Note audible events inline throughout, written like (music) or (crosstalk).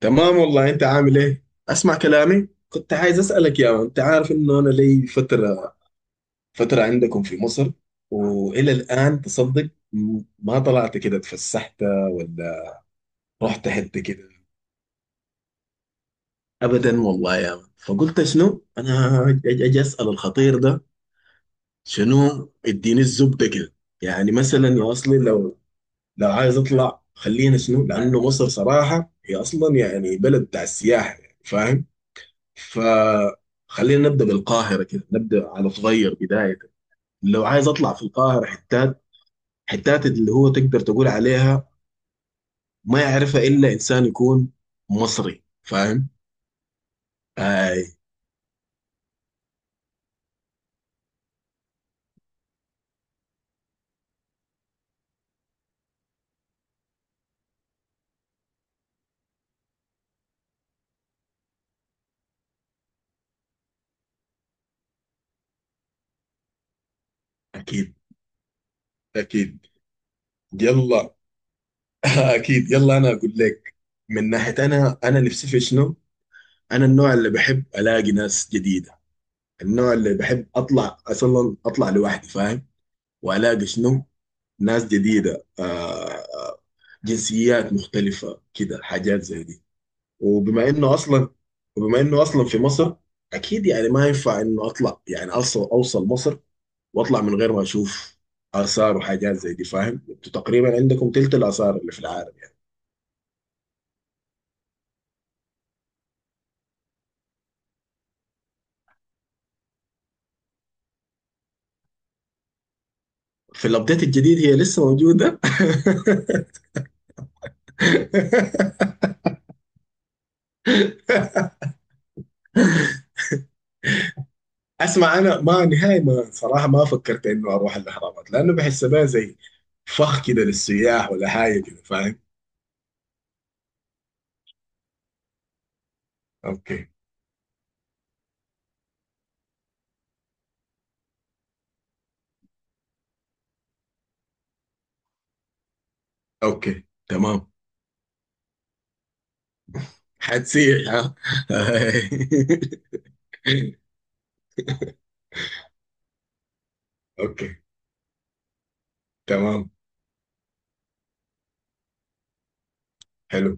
تمام والله. انت عامل ايه؟ اسمع كلامي، كنت عايز اسالك يا مان. انت عارف انه انا لي فتره عندكم في مصر، والى الان تصدق ما طلعت كده اتفسحت ولا رحت حته كده. ابدا والله يا مان. فقلت شنو، انا اجي اسال الخطير ده. شنو، اديني الزبده كده. يعني مثلا يا اصلي، لو عايز اطلع، خلينا شنو، لانه مصر صراحه هي اصلا يعني بلد بتاع السياحه، يعني فاهم. فخلينا نبدا بالقاهره كده، نبدا على صغير بدايه. لو عايز اطلع في القاهره حتات، اللي هو تقدر تقول عليها ما يعرفها الا انسان يكون مصري، فاهم. اي. اكيد، اكيد، يلا. (laughs) اكيد، يلا انا اقول لك. من ناحيه، انا نفسي في شنو. انا النوع اللي بحب الاقي ناس جديده، النوع اللي بحب اطلع، اصلا اطلع لوحدي فاهم. والاقي شنو، ناس جديده، آه، جنسيات مختلفة كده، حاجات زي دي. وبما انه اصلا وبما انه اصلا في مصر، اكيد يعني ما ينفع انه اطلع، يعني اوصل مصر واطلع من غير ما اشوف اثار وحاجات زي دي، فاهم؟ انتوا تقريبا عندكم تلت الاثار اللي في العالم، يعني في الابديت الجديد هي لسه موجودة. (laughs) اسمع، انا ما نهائي، ما صراحة ما فكرت انه اروح الاهرامات، لانه بحس بها زي فخ كده للسياح ولا حاجة كده، فاهم؟ اوكي. اوكي تمام. هتسيح، ها؟ (laughs) اوكي تمام. حلو،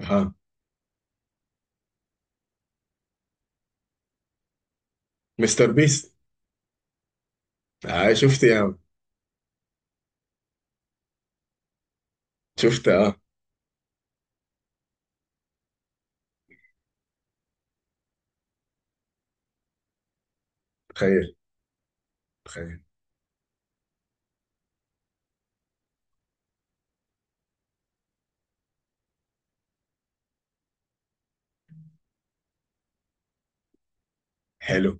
ها. مستر بيست. آه، شفت يا عم. شفت، اه. تخيل، تخيل. حلو.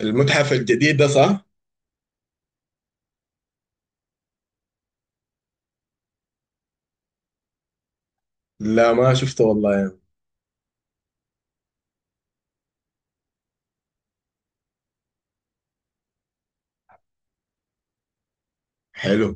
المتحف الجديد ده صح؟ لا ما شفته والله يا عم. حلو.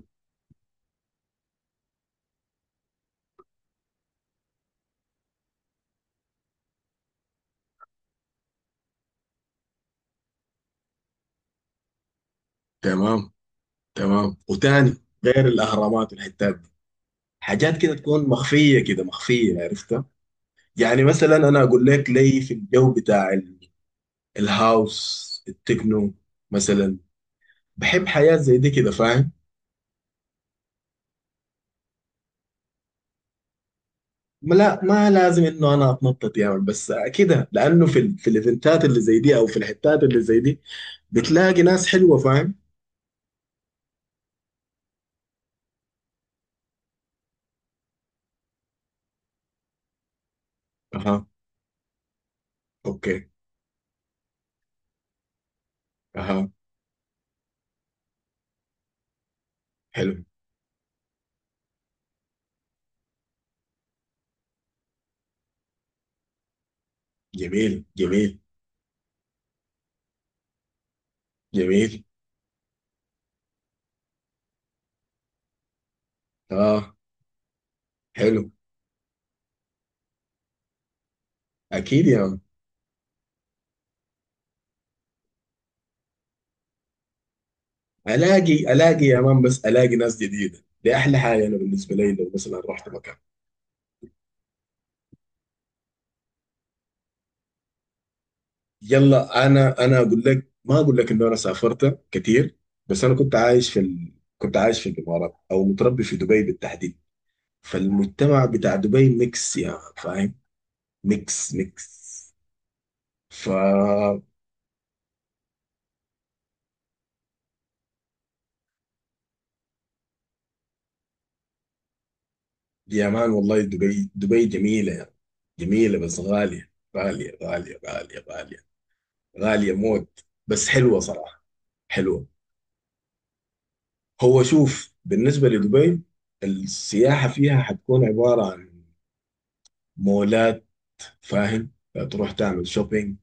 تمام. تمام وتاني، غير الاهرامات والحتات دي، حاجات كده تكون مخفيه كده، مخفيه عرفتها. يعني مثلا انا اقول لك، لي في الجو بتاع الهاوس التكنو مثلا، بحب حياة زي دي كده، فاهم. لا، ما لازم انه انا اتنطط يا يعني، بس كده، لانه في في الايفنتات اللي زي دي او في الحتات اللي زي دي بتلاقي ناس حلوه، فاهم. اها. اوكي. اها. حلو. جميل، جميل. جميل. اه. حلو. اكيد يا مان. الاقي يا مان، بس الاقي ناس جديده دي احلى حاجه. انا بالنسبه لي لو مثلا رحت مكان. يلا، انا اقول لك، ما اقول لك انه انا سافرت كتير. بس انا كنت عايش في ال... كنت عايش في الامارات، او متربي في دبي بالتحديد. فالمجتمع بتاع دبي ميكس يا مان، فاهم. ميكس ميكس. ف يا مان والله، دبي جميلة يعني. جميلة بس غالية. غالية، غالية، غالية، غالية. غالية موت بس حلوة صراحة. حلوة. هو شوف بالنسبة لدبي، السياحة فيها حتكون عبارة عن مولات، فاهم، تروح تعمل شوبينج.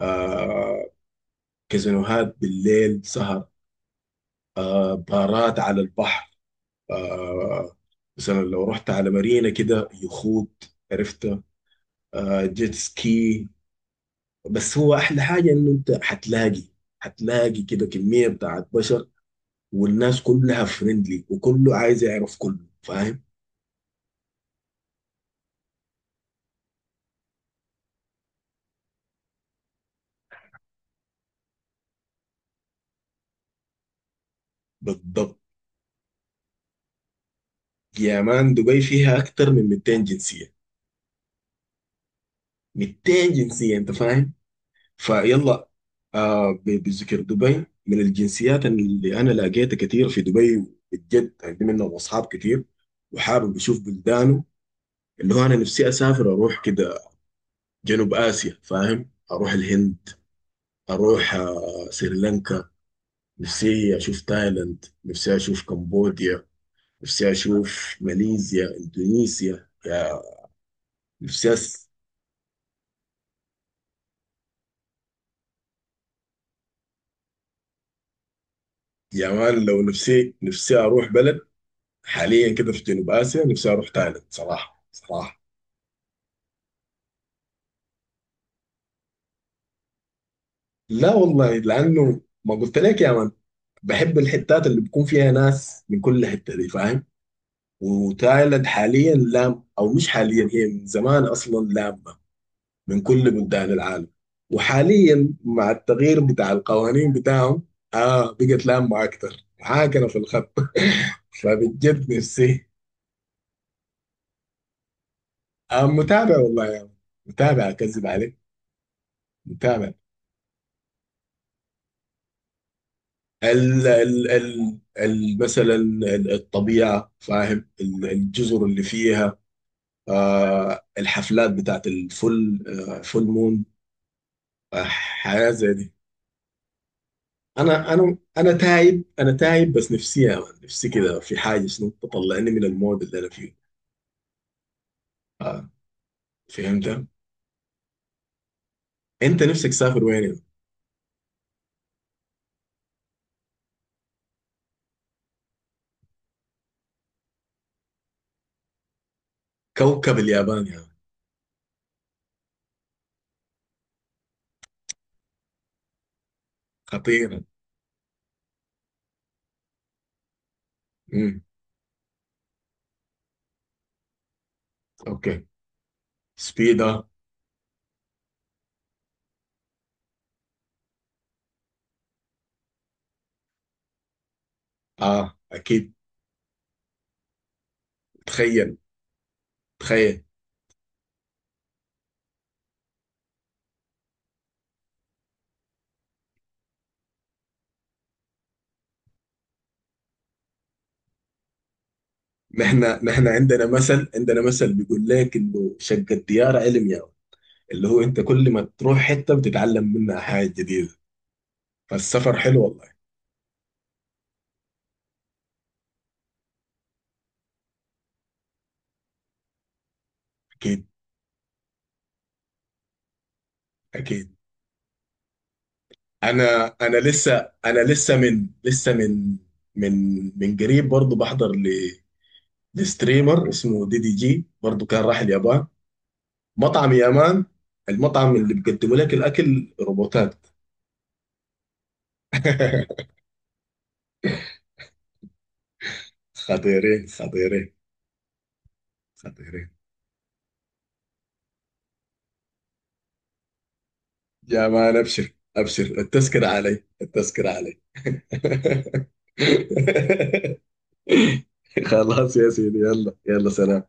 آه. كازينوهات بالليل، سهر. آه، بارات على البحر. آه. مثلا لو رحت على مارينا كده، يخوت، عرفت، آه، جيت سكي. بس هو احلى حاجه انه انت حتلاقي كده كميه بتاعت بشر. والناس كلها فريندلي، وكله عايز يعرف، كله فاهم. بالضبط. يا مان دبي فيها اكتر من 200 جنسيه. 200 جنسيه انت فاهم. فيلا. آه، بذكر دبي، من الجنسيات اللي انا لقيتها كتير في دبي، بجد عندي منهم اصحاب كتير، وحابب اشوف بلدانه. اللي هو انا نفسي اسافر، اروح كده جنوب اسيا فاهم، اروح الهند، اروح آه، سريلانكا. نفسي اشوف تايلاند، نفسي اشوف كمبوديا، نفسي اشوف ماليزيا، اندونيسيا. نفسي أس... يا مان لو، نفسي نفسي اروح بلد حاليا كده في جنوب اسيا، نفسي اروح تايلاند، صراحه، صراحه. لا والله، لانه ما قلت لك يا مان، بحب الحتات اللي بيكون فيها ناس من كل حته دي، فاهم. وتايلاند حاليا لام او مش حاليا، هي من زمان اصلا لامه من كل بلدان العالم. وحاليا مع التغيير بتاع القوانين بتاعهم، اه بقت لامه اكتر، عاكره في الخط. (laughs) فبجد نفسي. آه، متابع والله يعني. متابع، اكذب عليك. متابع. ال ال ال ال مثلا الطبيعه، فاهم، الجزر اللي فيها. آه، الحفلات بتاعت الفل، آه، فول مون. آه، حياه زي دي. انا انا تايب، انا تايب، بس نفسي يا مان، نفسي كده في حاجه شنو تطلعني من المود اللي انا فيه. آه. فهمت. انت نفسك تسافر وين يا مان؟ كوكب اليابان يا مان. خطير. امم اوكي. سبيدا. اه، اكيد. تخيل، تخيل. نحن نحن عندنا مثل بيقول لك انه شق الديار علم يا مان. اللي هو انت كل ما تروح حته بتتعلم منها حاجه جديده. فالسفر حلو والله. اكيد. اكيد. انا لسه من قريب، برضه بحضر لستريمر اسمه دي دي جي، برضه كان راح اليابان. مطعم يامان، المطعم اللي بيقدموا لك الاكل روبوتات. (laughs) خطيرين، خطيرين. خطيرين يا مان، ابشر ابشر، التذكرة علي، التذكرة علي. (laughs) خلاص يا سيدي، يلا يلا، سلام.